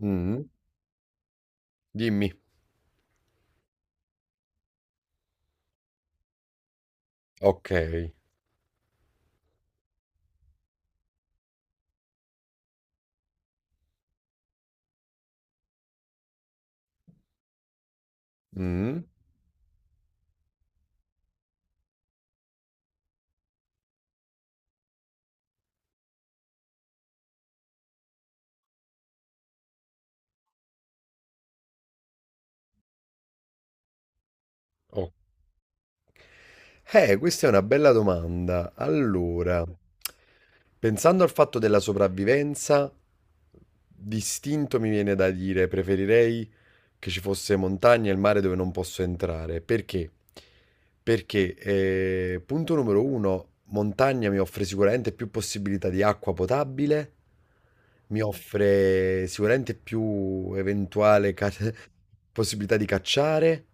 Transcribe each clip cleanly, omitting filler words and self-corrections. Mh. Dimmi. Okay. Mh. O Questa è una bella domanda. Allora, pensando al fatto della sopravvivenza, d'istinto mi viene da dire, preferirei che ci fosse montagna e il mare dove non posso entrare. Perché? Perché, punto numero uno, montagna mi offre sicuramente più possibilità di acqua potabile, mi offre sicuramente più eventuale possibilità di cacciare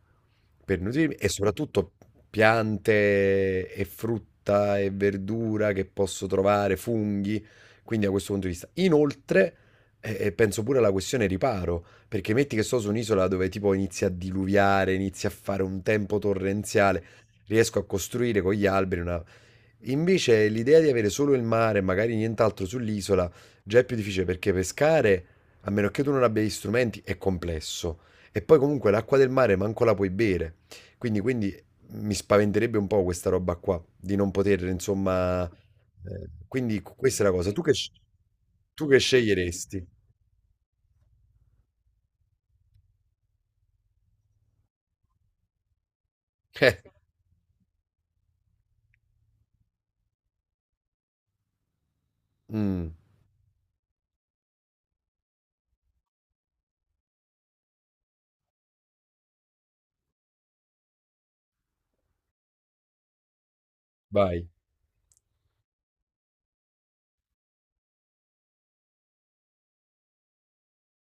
per nutrirmi e soprattutto piante e frutta e verdura che posso trovare, funghi, quindi da questo punto di vista. Inoltre, penso pure alla questione riparo. Perché metti che sto su un'isola dove tipo inizia a diluviare, inizia a fare un tempo torrenziale, riesco a costruire con gli alberi una. Invece l'idea di avere solo il mare e magari nient'altro sull'isola già è più difficile perché pescare, a meno che tu non abbia gli strumenti, è complesso. E poi comunque l'acqua del mare manco la puoi bere. Quindi mi spaventerebbe un po' questa roba qua, di non poter, insomma, quindi questa è la cosa. Tu che sceglieresti? Eh, mm, vai.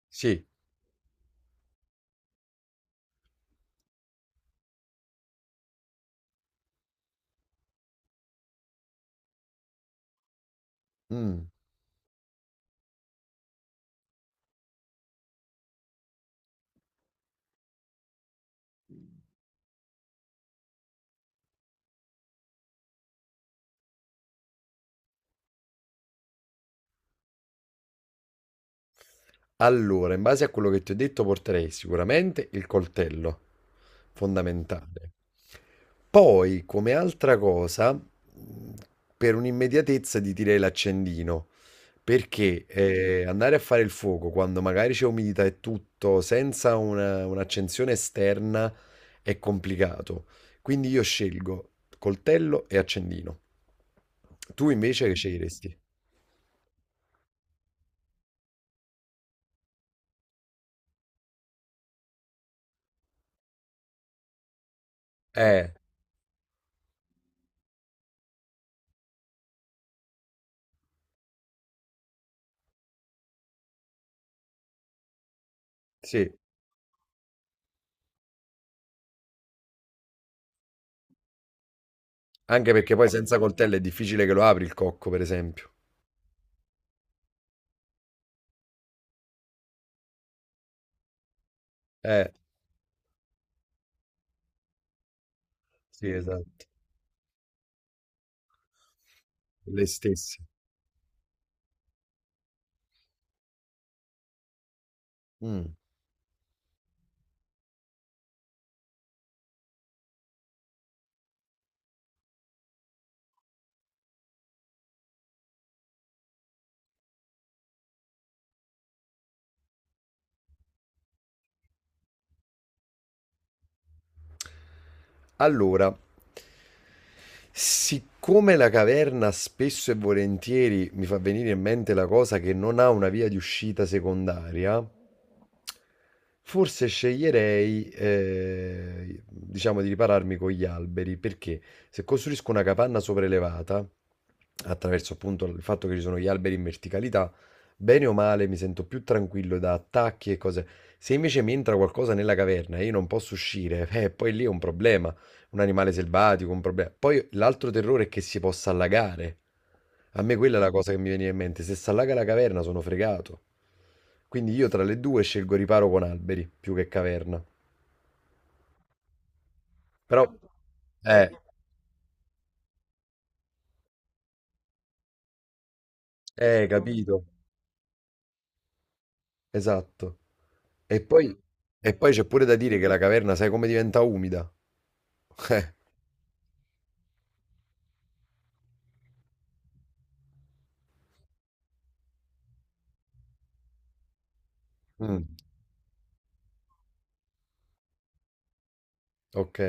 Sì. Mh. Allora, in base a quello che ti ho detto porterei sicuramente il coltello, fondamentale. Poi, come altra cosa, per un'immediatezza ti direi l'accendino, perché, andare a fare il fuoco quando magari c'è umidità e tutto, senza una un'accensione esterna è complicato. Quindi io scelgo coltello e accendino. Tu invece che sceglieresti? Eh, sì. Anche perché poi senza coltello è difficile che lo apri il cocco, per esempio. Eh, sì, esatto. Le stesse. Mm. Allora, siccome la caverna spesso e volentieri mi fa venire in mente la cosa che non ha una via di uscita secondaria, forse sceglierei, diciamo, di ripararmi con gli alberi, perché se costruisco una capanna sopraelevata, attraverso appunto il fatto che ci sono gli alberi in verticalità, bene o male mi sento più tranquillo da attacchi e cose. Se invece mi entra qualcosa nella caverna e io non posso uscire, poi lì è un problema un animale selvatico, un problema. Poi l'altro terrore è che si possa allagare. A me quella è la cosa che mi veniva in mente. Se si allaga la caverna sono fregato. Quindi io tra le due scelgo riparo con alberi più che caverna. Però, eh, capito. Esatto. E poi, e poi c'è pure da dire che la caverna, sai come diventa umida? Eh, mm, ok.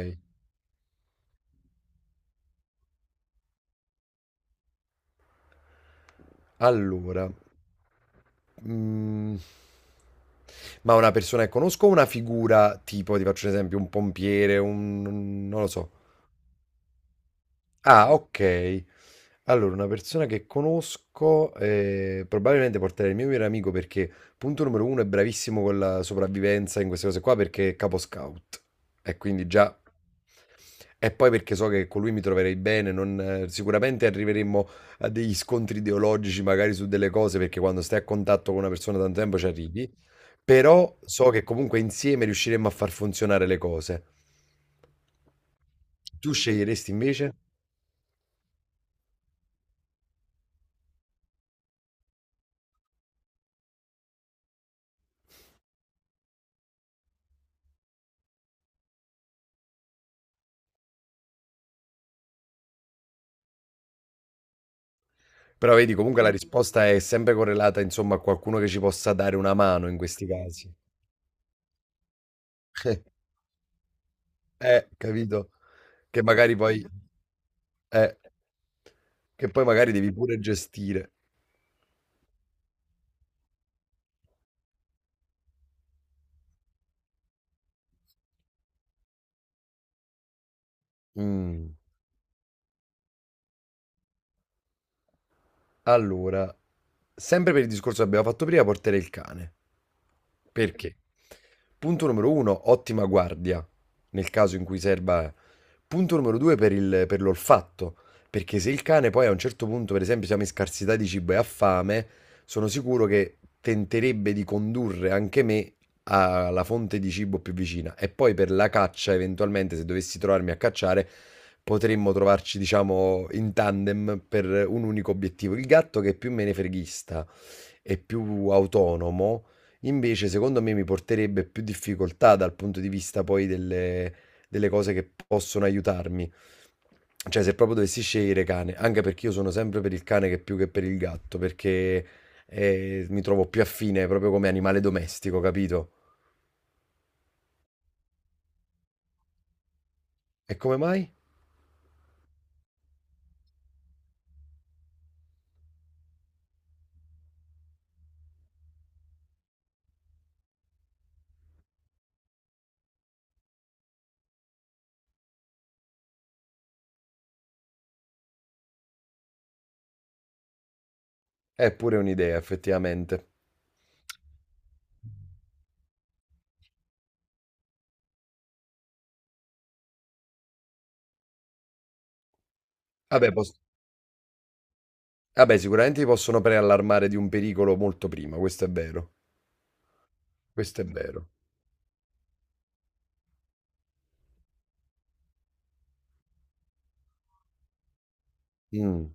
Allora, Mhmm, ma una persona che conosco o una figura tipo, ti faccio un esempio, un pompiere, un n non lo so. Ah, okay. Allora una persona che conosco, probabilmente porterei il mio migliore amico perché, punto numero 1, è bravissimo con la sopravvivenza in queste cose qua perché è capo scout e quindi già e poi perché so che con lui mi troverei bene, non sicuramente arriveremmo a degli scontri ideologici magari su delle cose, perché quando stai a contatto con una persona da tanto tempo ci arrivi. Però so che comunque insieme riusciremmo a far funzionare le cose. Tu sceglieresti invece? Però vedi, comunque la risposta è sempre correlata, insomma, a qualcuno che ci possa dare una mano in questi casi. Capito? Che magari poi, eh, che poi magari devi pure gestire. Mm. Allora, sempre per il discorso che abbiamo fatto prima, porterei il cane. Perché? Punto numero uno, ottima guardia, nel caso in cui serva. Punto numero due, per l'olfatto. Perché se il cane poi a un certo punto, per esempio, siamo in scarsità di cibo e ha fame, sono sicuro che tenterebbe di condurre anche me alla fonte di cibo più vicina e poi per la caccia, eventualmente, se dovessi trovarmi a cacciare, potremmo trovarci, diciamo, in tandem per un unico obiettivo. Il gatto che è più menefreghista e più autonomo, invece, secondo me mi porterebbe più difficoltà dal punto di vista poi delle cose che possono aiutarmi. Cioè, se proprio dovessi scegliere cane, anche perché io sono sempre per il cane che più che per il gatto, perché mi trovo più affine proprio come animale domestico, capito? E come mai? È pure un'idea, effettivamente. Vabbè, pos- vabbè, sicuramente ti possono preallarmare di un pericolo molto prima, questo è vero. Questo è vero. Mm,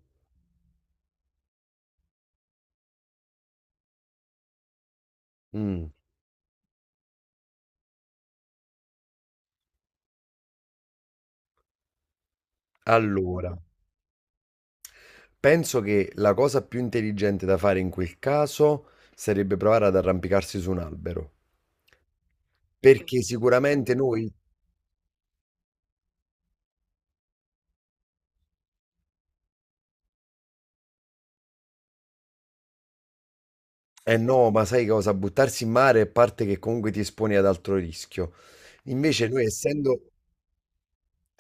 mm. Allora, penso che la cosa più intelligente da fare in quel caso sarebbe provare ad arrampicarsi su un albero. Perché sicuramente noi. Eh no, ma sai cosa? Buttarsi in mare è parte che comunque ti esponi ad altro rischio. Invece noi essendo.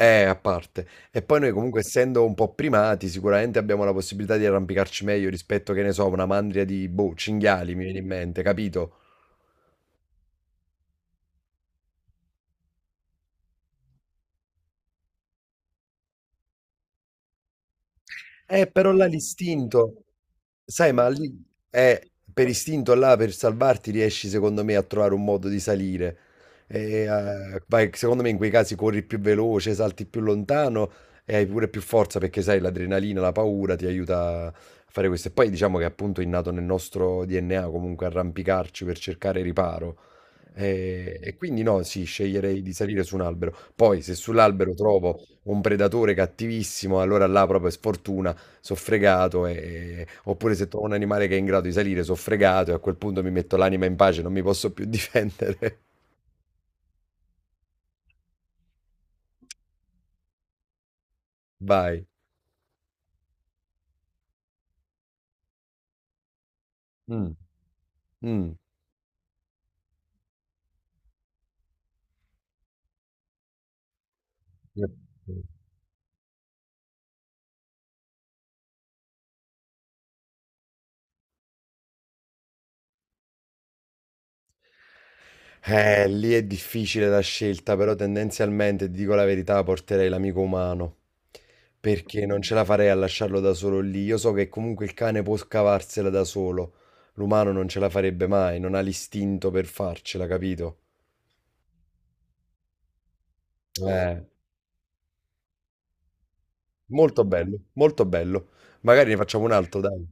A parte. E poi noi comunque essendo un po' primati, sicuramente abbiamo la possibilità di arrampicarci meglio rispetto, che ne so, a una mandria di boh, cinghiali, mi viene in mente, capito? Però là l'istinto, sai, ma lì per istinto là, per salvarti, riesci secondo me a trovare un modo di salire. E, vai, secondo me in quei casi corri più veloce, salti più lontano e hai pure più forza perché sai, l'adrenalina, la paura ti aiuta a fare questo. E poi diciamo che appunto è innato nel nostro DNA comunque arrampicarci per cercare riparo. E quindi no, sì, sceglierei di salire su un albero. Poi se sull'albero trovo un predatore cattivissimo, allora là proprio è sfortuna so' fregato, e oppure se trovo un animale che è in grado di salire, so' fregato e a quel punto mi metto l'anima in pace, non mi posso più difendere. Vai. Mh. Mh. Lì è difficile la scelta, però tendenzialmente, ti dico la verità, porterei l'amico umano, perché non ce la farei a lasciarlo da solo lì. Io so che comunque il cane può scavarsela da solo, l'umano non ce la farebbe mai, non ha l'istinto per farcela, capito? Eh. Molto bello, molto bello. Magari ne facciamo un altro, dai.